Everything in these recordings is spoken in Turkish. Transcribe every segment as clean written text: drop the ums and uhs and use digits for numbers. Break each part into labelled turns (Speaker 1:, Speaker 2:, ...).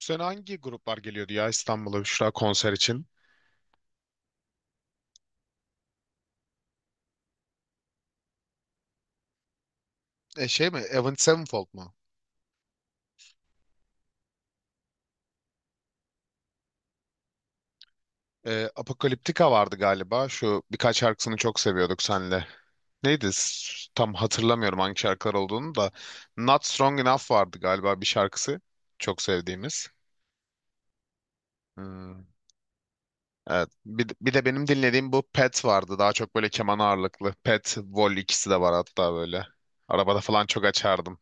Speaker 1: Bu sene hangi gruplar geliyordu ya İstanbul'a Büşra konser için? Şey mi? Avenged Sevenfold mu? Apocalyptica vardı galiba. Şu birkaç şarkısını çok seviyorduk senle. Neydi? Tam hatırlamıyorum hangi şarkılar olduğunu da. Not Strong Enough vardı galiba bir şarkısı. Çok sevdiğimiz. Hmm, evet. Bir de benim dinlediğim bu Pet vardı. Daha çok böyle keman ağırlıklı. Pet, Vol ikisi de var hatta böyle. Arabada falan çok açardım.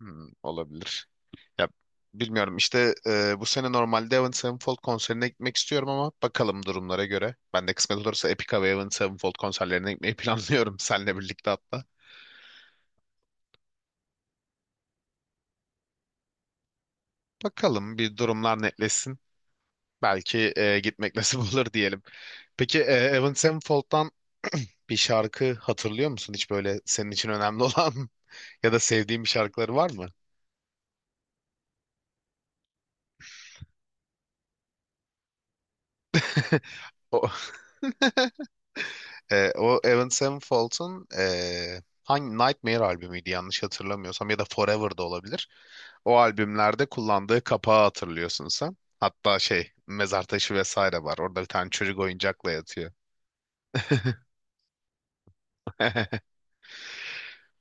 Speaker 1: Hmm, olabilir. Ya bilmiyorum işte, bu sene normalde Avenged Sevenfold konserine gitmek istiyorum ama bakalım durumlara göre. Ben de kısmet olursa Epica ve Avenged Sevenfold konserlerine gitmeyi planlıyorum seninle birlikte hatta. Bakalım bir durumlar netleşsin. Belki gitmek nasip olur diyelim. Peki Avenged Sevenfold'dan bir şarkı hatırlıyor musun? Hiç böyle senin için önemli olan ya da sevdiğin bir şarkıları var mı? O... O Avenged Sevenfold'un hangi Nightmare albümüydü yanlış hatırlamıyorsam ya da Forever da olabilir. O albümlerde kullandığı kapağı hatırlıyorsun sen. Hatta şey mezar taşı vesaire var. Orada bir tane çocuk oyuncakla yatıyor.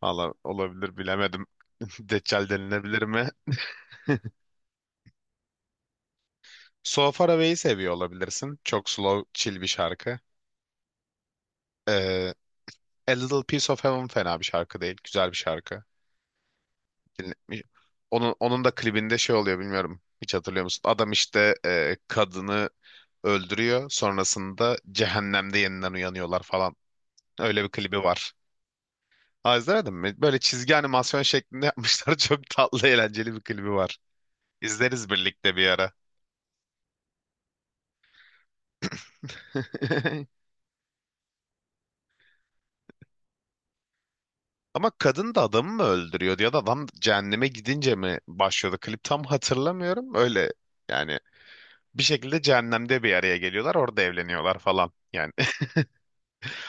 Speaker 1: Valla olabilir bilemedim. Deccal denilebilir mi? So Far Away'i seviyor olabilirsin. Çok slow, chill bir şarkı. E, A Little Piece of Heaven fena bir şarkı değil. Güzel bir şarkı. Dinletmiş. Onun da klibinde şey oluyor bilmiyorum. Hiç hatırlıyor musun? Adam işte, kadını öldürüyor. Sonrasında cehennemde yeniden uyanıyorlar falan. Öyle bir klibi var. Aa, izlemedin mi? Böyle çizgi animasyon şeklinde yapmışlar. Çok tatlı, eğlenceli bir klibi var. İzleriz birlikte bir ara. Ama kadın da adamı mı öldürüyordu ya da adam cehenneme gidince mi başlıyordu? Klip tam hatırlamıyorum. Öyle yani bir şekilde cehennemde bir araya geliyorlar. Orada evleniyorlar falan. Yani,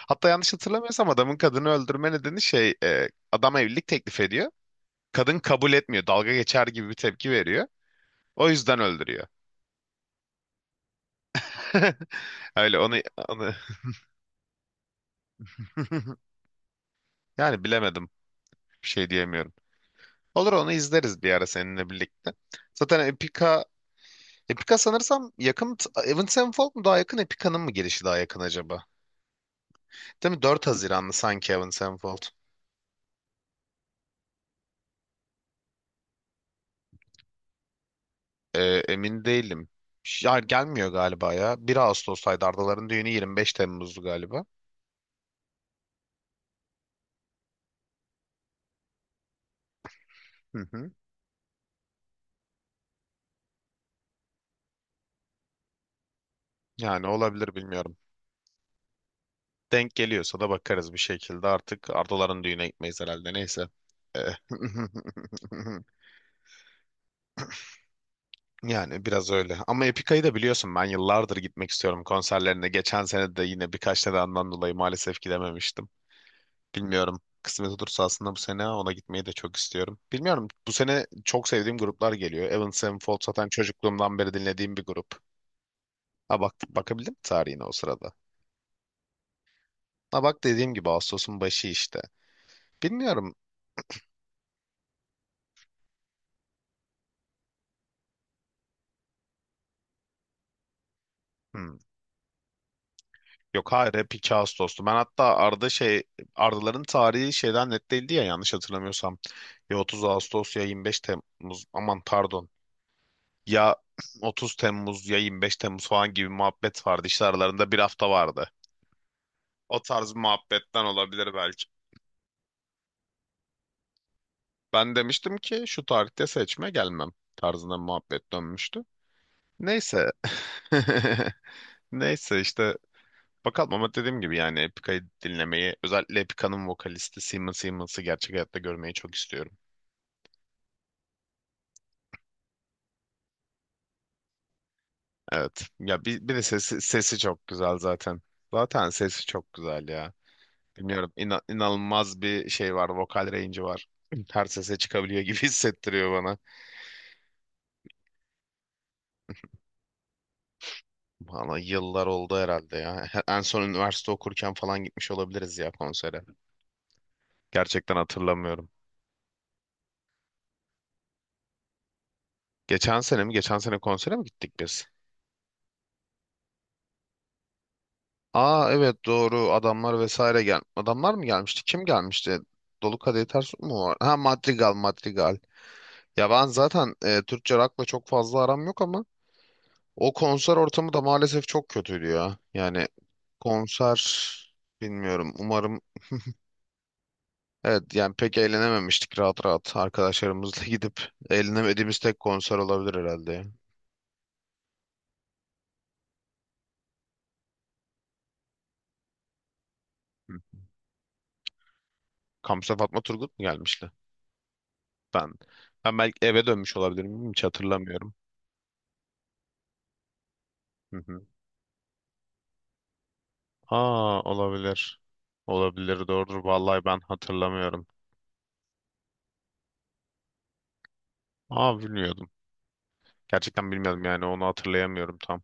Speaker 1: hatta yanlış hatırlamıyorsam adamın kadını öldürme nedeni şey, adam evlilik teklif ediyor. Kadın kabul etmiyor. Dalga geçer gibi bir tepki veriyor. O yüzden öldürüyor. Öyle onu. Yani bilemedim. Bir şey diyemiyorum. Olur onu izleriz bir ara seninle birlikte. Zaten Epica sanırsam yakın. Avenged Sevenfold mu daha yakın, Epica'nın mı girişi daha yakın acaba? Değil mi? 4 Haziranlı sanki Avenged Sevenfold. Ee, emin değilim. Ya gelmiyor galiba ya. 1 Ağustos'taydı Ardaların düğünü, 25 Temmuz'du galiba. Hı hı. Yani olabilir bilmiyorum. Denk geliyorsa da bakarız bir şekilde. Artık Ardaların düğüne gitmeyiz herhalde. Neyse. Ee, Yani biraz öyle. Ama Epica'yı da biliyorsun ben yıllardır gitmek istiyorum konserlerine. Geçen sene de yine birkaç nedenden dolayı maalesef gidememiştim. Bilmiyorum. Kısmet olursa aslında bu sene ona gitmeyi de çok istiyorum. Bilmiyorum. Bu sene çok sevdiğim gruplar geliyor. Avenged Sevenfold zaten çocukluğumdan beri dinlediğim bir grup. Ha bak bakabildim mi tarihine o sırada? Ha bak dediğim gibi Ağustos'un başı işte. Bilmiyorum. Hmm. Yok hayır hep 2 Ağustos'tu. Ben hatta Arda, şey, Ardaların tarihi şeyden net değildi ya yanlış hatırlamıyorsam. Ya 30 Ağustos ya 25 Temmuz, aman pardon. Ya 30 Temmuz ya 25 Temmuz falan gibi muhabbet vardı. İşte aralarında bir hafta vardı. O tarz bir muhabbetten olabilir belki. Ben demiştim ki şu tarihte seçme gelmem tarzında bir muhabbet dönmüştü. Neyse. Neyse işte. Bakalım, ama dediğim gibi yani Epica'yı dinlemeyi, özellikle Epica'nın vokalisti Simon Simmons'ı gerçek hayatta görmeyi çok istiyorum. Evet. Ya bir de sesi çok güzel zaten. Zaten sesi çok güzel ya. Bilmiyorum, inanılmaz bir şey var. Vokal range'i var. Her sese çıkabiliyor gibi hissettiriyor bana. Bana yıllar oldu herhalde ya. En son üniversite okurken falan gitmiş olabiliriz ya konsere. Gerçekten hatırlamıyorum. Geçen sene mi? Geçen sene konsere mi gittik biz? Aa evet doğru adamlar vesaire gel. Adamlar mı gelmişti? Kim gelmişti? Dolu Kadehi Ters mu var? Ha Madrigal Madrigal. Ya ben zaten, Türkçe rock'la çok fazla aram yok ama o konser ortamı da maalesef çok kötüydü ya. Yani konser bilmiyorum. Umarım. Evet, yani pek eğlenememiştik, rahat rahat arkadaşlarımızla gidip eğlenemediğimiz tek konser olabilir herhalde ya. Hı. Kampüse Fatma Turgut mu gelmişti? Ben ben belki eve dönmüş olabilirim hiç hatırlamıyorum. Hı hı. Aa olabilir. Olabilir doğrudur. Vallahi ben hatırlamıyorum. Aa bilmiyordum. Gerçekten bilmiyordum, yani onu hatırlayamıyorum tam.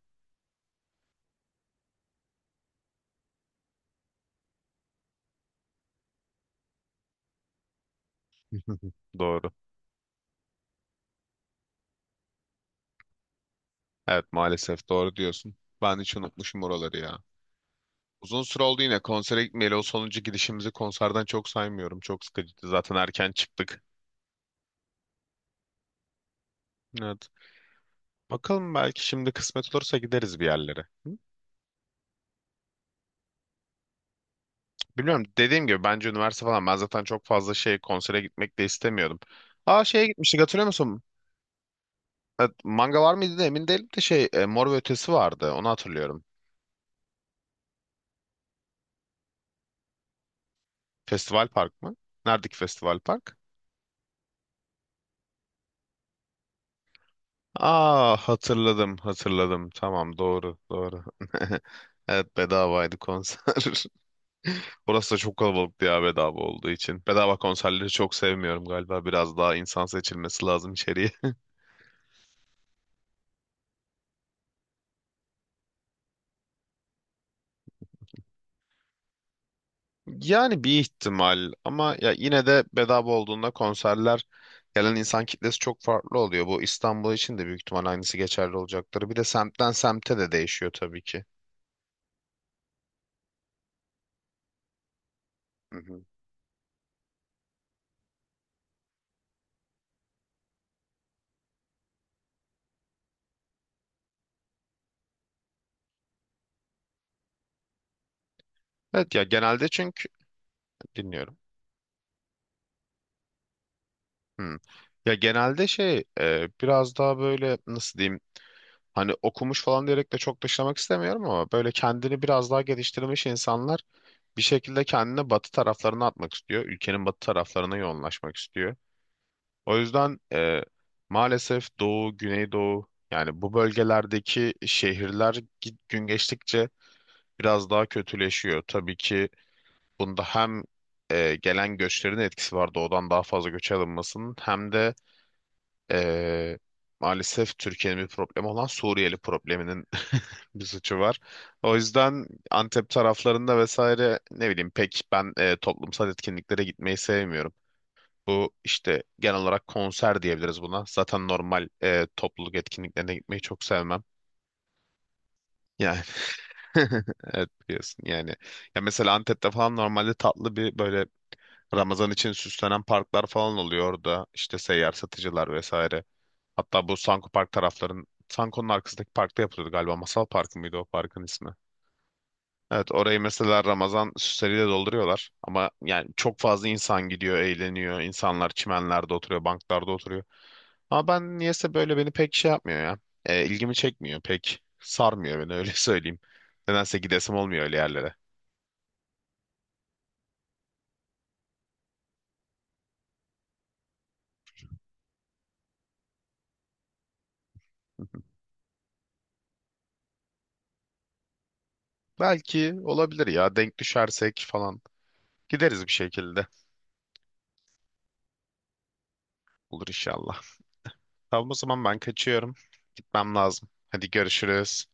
Speaker 1: Doğru. Evet maalesef doğru diyorsun. Ben hiç unutmuşum oraları ya. Uzun süre oldu yine konsere gitmeyeli. O sonuncu gidişimizi konserden çok saymıyorum. Çok sıkıcıydı. Zaten erken çıktık. Evet. Bakalım, belki şimdi kısmet olursa gideriz bir yerlere. Hı? Bilmiyorum, dediğim gibi bence üniversite falan, ben zaten çok fazla şey konsere gitmek de istemiyordum. Aa, şeye gitmiştik hatırlıyor musun? Evet, manga var mıydı da emin değilim de şey, Mor ve Ötesi vardı, onu hatırlıyorum. Festival Park mı? Neredeki Festival Park? Aa, hatırladım hatırladım, tamam doğru doğru. Evet bedavaydı konser. Burası da çok kalabalıktı ya, bedava olduğu için. Bedava konserleri çok sevmiyorum galiba, biraz daha insan seçilmesi lazım içeriye. Yani bir ihtimal, ama ya yine de bedava olduğunda konserler gelen insan kitlesi çok farklı oluyor. Bu İstanbul için de büyük ihtimal aynısı geçerli olacaktır. Bir de semtten semte de değişiyor tabii ki. Hı hı. Evet ya genelde çünkü dinliyorum. Hmm. Ya genelde şey, biraz daha böyle nasıl diyeyim, hani okumuş falan diyerek de çok dışlamak istemiyorum ama böyle kendini biraz daha geliştirmiş insanlar bir şekilde kendini batı taraflarına atmak istiyor. Ülkenin batı taraflarına yoğunlaşmak istiyor. O yüzden, maalesef Doğu, Güneydoğu, yani bu bölgelerdeki şehirler gün geçtikçe biraz daha kötüleşiyor. Tabii ki bunda hem gelen göçlerin etkisi var, doğudan daha fazla göç alınmasının, hem de e, maalesef Türkiye'nin bir problemi olan Suriyeli probleminin bir suçu var. O yüzden Antep taraflarında vesaire ne bileyim, pek ben toplumsal etkinliklere gitmeyi sevmiyorum. Bu işte genel olarak konser diyebiliriz buna. Zaten normal topluluk etkinliklerine gitmeyi çok sevmem. Yani evet, biliyorsun yani. Ya mesela Antep'te falan normalde tatlı bir böyle Ramazan için süslenen parklar falan oluyor orada. İşte seyyar satıcılar vesaire. Hatta bu Sanko Park tarafların, Sanko'nun arkasındaki parkta yapılıyordu galiba. Masal Parkı mıydı o parkın ismi? Evet orayı mesela Ramazan süsleriyle dolduruyorlar. Ama yani çok fazla insan gidiyor, eğleniyor. İnsanlar çimenlerde oturuyor, banklarda oturuyor. Ama ben niyeyse böyle beni pek şey yapmıyor ya. İlgimi çekmiyor pek. Sarmıyor beni, öyle söyleyeyim. Nedense gidesim olmuyor öyle yerlere. Belki olabilir ya, denk düşersek falan. Gideriz bir şekilde. Olur inşallah. Tamam o zaman ben kaçıyorum. Gitmem lazım. Hadi görüşürüz.